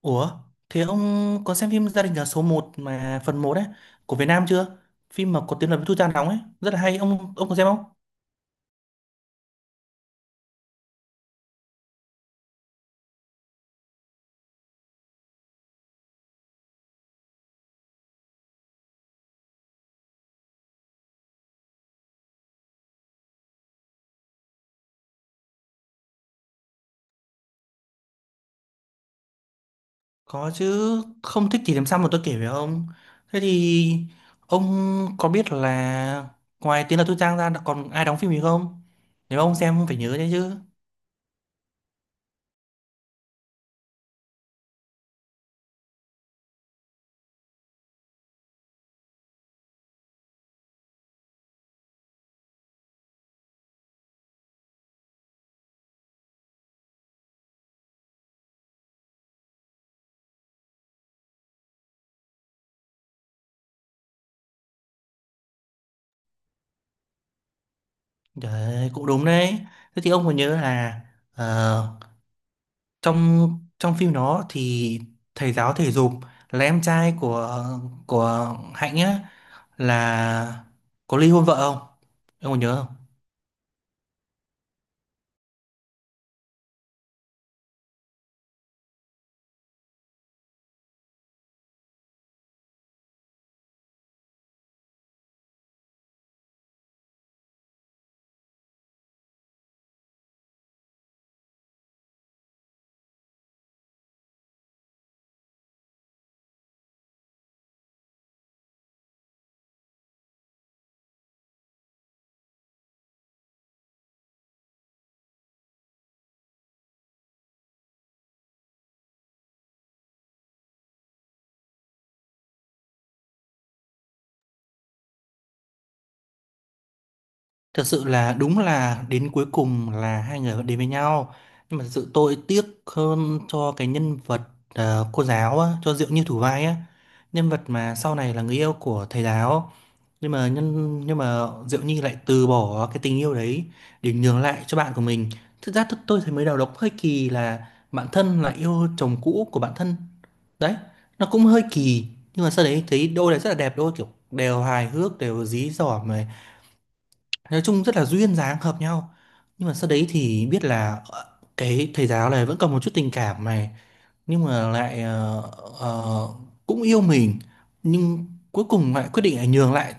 Ủa, thế ông có xem phim Gia đình nhà số một mà phần một ấy của Việt Nam chưa? Phim mà có tiếng là với Thu Trang đóng ấy, rất là hay. Ông có xem không? Có chứ, không thích thì làm sao mà tôi kể với ông. Thế thì ông có biết là ngoài tiếng là Thu Trang ra còn ai đóng phim gì không? Nếu ông xem ông phải nhớ đấy chứ. Trời ơi, cũng đúng đấy. Thế thì ông còn nhớ là, ờ, trong trong phim đó thì thầy giáo thể dục là em trai của Hạnh á, là có ly hôn vợ không, em còn nhớ không? Thật sự là đúng, là đến cuối cùng là hai người vẫn đến với nhau, nhưng mà thật sự tôi tiếc hơn cho cái nhân vật, cô giáo á, cho Diệu Như thủ vai á. Nhân vật mà sau này là người yêu của thầy giáo, nhưng mà Diệu Nhi lại từ bỏ cái tình yêu đấy, để nhường lại cho bạn của mình. Thực ra tôi thấy mới đầu nó cũng hơi kỳ, là bạn thân lại yêu chồng cũ của bạn thân đấy, nó cũng hơi kỳ. Nhưng mà sau đấy thấy đôi này rất là đẹp đôi, kiểu đều hài hước đều dí dỏm này, nói chung rất là duyên dáng hợp nhau. Nhưng mà sau đấy thì biết là, cái thầy giáo này vẫn còn một chút tình cảm này, nhưng mà lại ờ, cũng yêu mình, nhưng cuối cùng lại quyết định là nhường lại,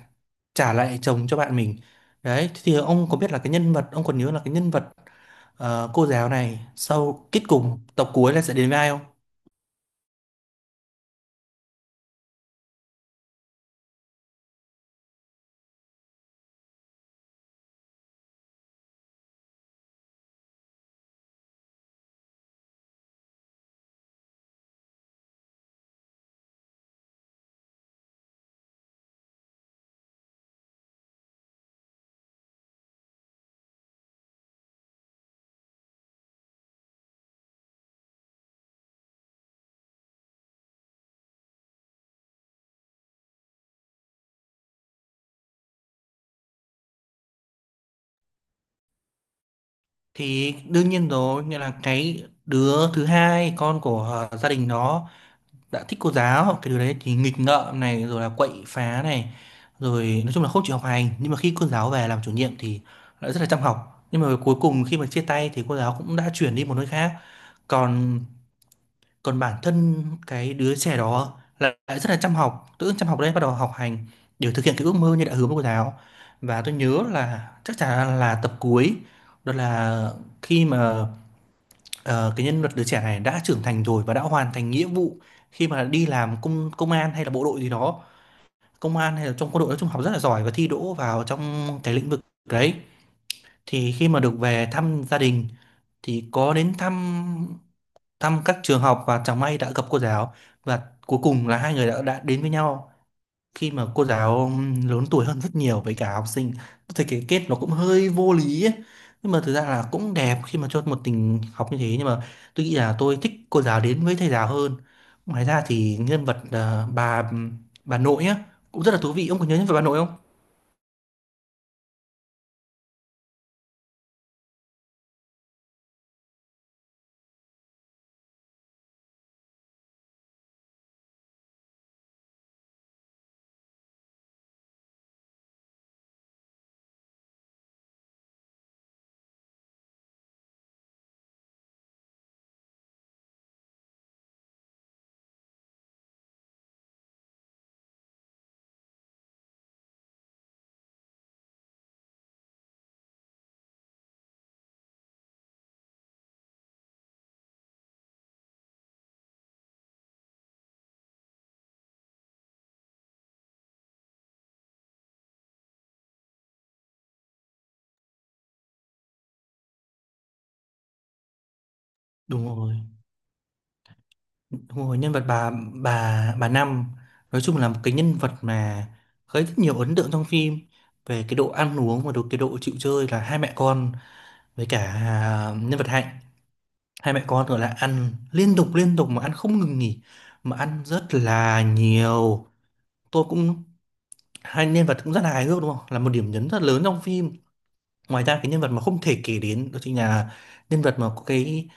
trả lại chồng cho bạn mình. Đấy, thế thì ông có biết là cái nhân vật, ông còn nhớ là cái nhân vật, cô giáo này sau kết cục tập cuối là sẽ đến với ai không? Thì đương nhiên rồi, nghĩa là cái đứa thứ hai con của, gia đình đó đã thích cô giáo, hoặc cái điều đấy thì nghịch ngợm này rồi là quậy phá này, rồi nói chung là không chịu học hành. Nhưng mà khi cô giáo về làm chủ nhiệm thì lại rất là chăm học. Nhưng mà cuối cùng khi mà chia tay thì cô giáo cũng đã chuyển đi một nơi khác, còn còn bản thân cái đứa trẻ đó lại lại rất là chăm học, tự dưng chăm học đấy, bắt đầu học hành để thực hiện cái ước mơ như đã hứa với cô giáo. Và tôi nhớ là chắc chắn là tập cuối đó là khi mà, Ờ, cái nhân vật đứa trẻ này đã trưởng thành rồi và đã hoàn thành nghĩa vụ, khi mà đi làm công công an hay là bộ đội gì đó, công an hay là trong quân đội, nói chung học rất là giỏi và thi đỗ vào trong cái lĩnh vực đấy. Thì khi mà được về thăm gia đình thì có đến thăm thăm các trường học và chẳng may đã gặp cô giáo. Và cuối cùng là hai người đã đến với nhau, khi mà cô giáo lớn tuổi hơn rất nhiều với cả học sinh. Tôi thấy cái kết nó cũng hơi vô lý ấy. Nhưng mà thực ra là cũng đẹp khi mà cho một tình học như thế, nhưng mà tôi nghĩ là tôi thích cô giáo đến với thầy giáo hơn. Ngoài ra thì nhân vật, bà nội á, cũng rất là thú vị. Ông có nhớ nhân vật bà nội không? Đúng rồi, đúng rồi, nhân vật bà Năm, nói chung là một cái nhân vật mà gây rất nhiều ấn tượng trong phim, về cái độ ăn uống và độ chịu chơi là hai mẹ con, với cả, nhân vật Hạnh. Hai mẹ con gọi là ăn liên tục mà ăn không ngừng nghỉ, mà ăn rất là nhiều. Tôi cũng Hai nhân vật cũng rất là hài hước đúng không, là một điểm nhấn rất lớn trong phim. Ngoài ra cái nhân vật mà không thể kể đến, đó chính là nhân vật mà có cái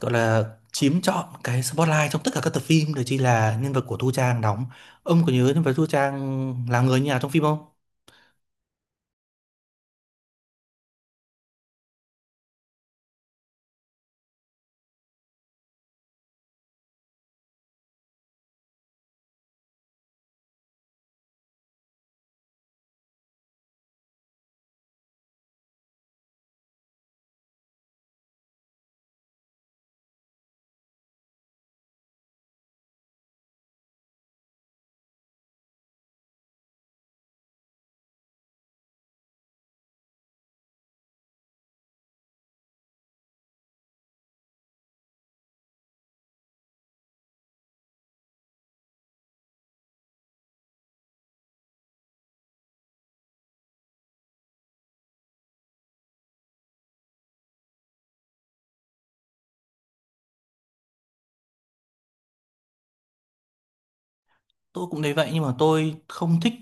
gọi là chiếm trọn cái spotlight trong tất cả các tập phim, đó chính là nhân vật của Thu Trang đóng. Ông có nhớ nhân vật Thu Trang là người như nào trong phim không? Tôi cũng thấy vậy, nhưng mà tôi không thích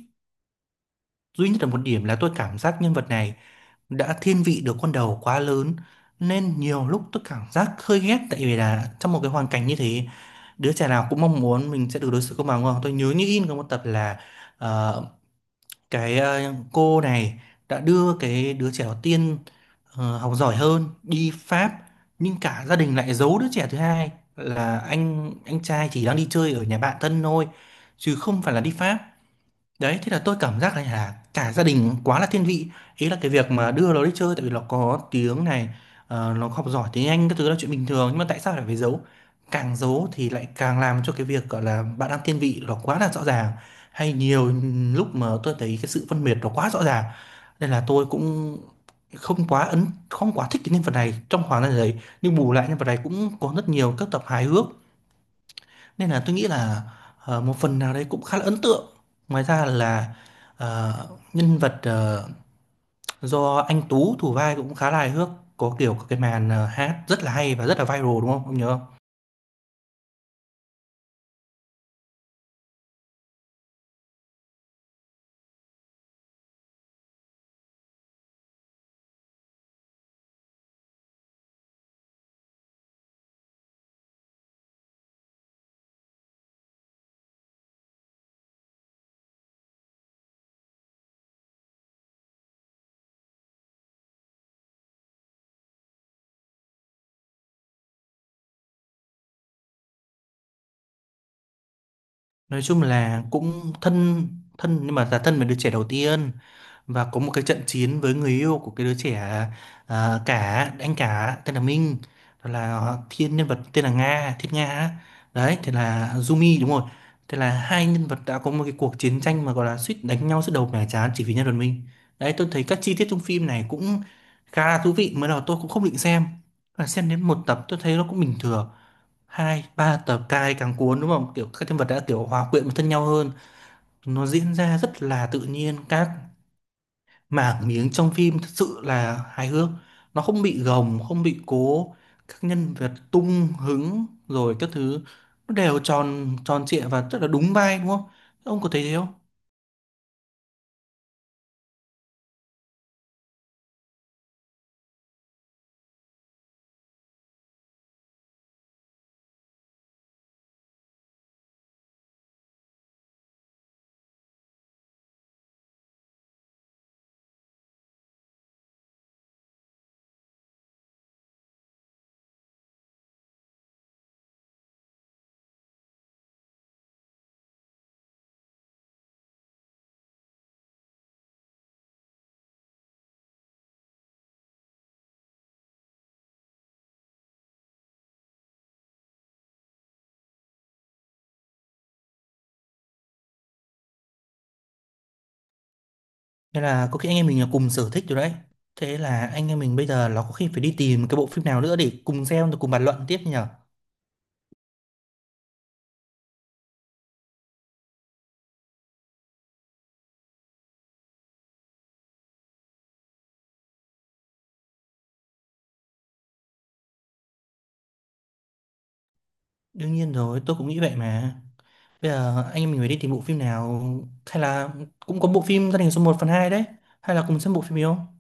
duy nhất là một điểm, là tôi cảm giác nhân vật này đã thiên vị được con đầu quá lớn, nên nhiều lúc tôi cảm giác hơi ghét. Tại vì là trong một cái hoàn cảnh như thế, đứa trẻ nào cũng mong muốn mình sẽ được đối xử công bằng đúng không? Tôi nhớ như in có một tập là, ờ, cái, cô này đã đưa cái đứa trẻ đầu tiên, học giỏi hơn, đi Pháp, nhưng cả gia đình lại giấu đứa trẻ thứ hai là anh trai chỉ đang đi chơi ở nhà bạn thân thôi, chứ không phải là đi Pháp. Đấy, thế là tôi cảm giác này là cả gia đình quá là thiên vị. Ý là cái việc mà đưa nó đi chơi tại vì nó có tiếng này, nó học giỏi tiếng Anh các thứ là chuyện bình thường, nhưng mà tại sao lại phải giấu? Càng giấu thì lại càng làm cho cái việc gọi là bạn đang thiên vị nó quá là rõ ràng. Hay nhiều lúc mà tôi thấy cái sự phân biệt nó quá rõ ràng. Nên là tôi cũng không quá thích cái nhân vật này trong khoảng thời gian đấy, nhưng bù lại nhân vật này cũng có rất nhiều các tập hài hước. Nên là tôi nghĩ là, một phần nào đấy cũng khá là ấn tượng. Ngoài ra là, ờ, nhân vật, do anh Tú thủ vai cũng khá là hài hước, có kiểu cái màn, hát rất là hay và rất là viral đúng không? Ông nhớ không? Nói chung là cũng thân thân, nhưng mà là thân với đứa trẻ đầu tiên, và có một cái trận chiến với người yêu của cái đứa trẻ, cả anh cả tên là Minh, rồi là thiên nhân vật tên là Nga, Thiết Nga á. Đấy thì là Jumi đúng rồi. Thế là hai nhân vật đã có một cái cuộc chiến tranh mà gọi là suýt đánh nhau suốt đầu mẻ trán chỉ vì nhân vật Minh. Đấy, tôi thấy các chi tiết trong phim này cũng khá là thú vị. Mới đầu tôi cũng không định xem, và xem đến một tập tôi thấy nó cũng bình thường, hai ba tập cai càng cuốn đúng không, kiểu các nhân vật đã kiểu hòa quyện với thân nhau hơn. Nó diễn ra rất là tự nhiên, các mảng miếng trong phim thật sự là hài hước, nó không bị gồng không bị cố, các nhân vật tung hứng rồi các thứ, nó đều tròn tròn trịa và rất là đúng vai đúng không? Ông có thấy thế không? Thế là có khi anh em mình là cùng sở thích rồi đấy. Thế là anh em mình bây giờ nó có khi phải đi tìm cái bộ phim nào nữa để cùng xem rồi cùng bàn luận tiếp nhở. Đương nhiên rồi, tôi cũng nghĩ vậy mà. Bây giờ anh em mình phải đi tìm bộ phim nào, hay là cũng có bộ phim gia đình số một phần hai đấy, hay là cùng xem bộ phim gì không?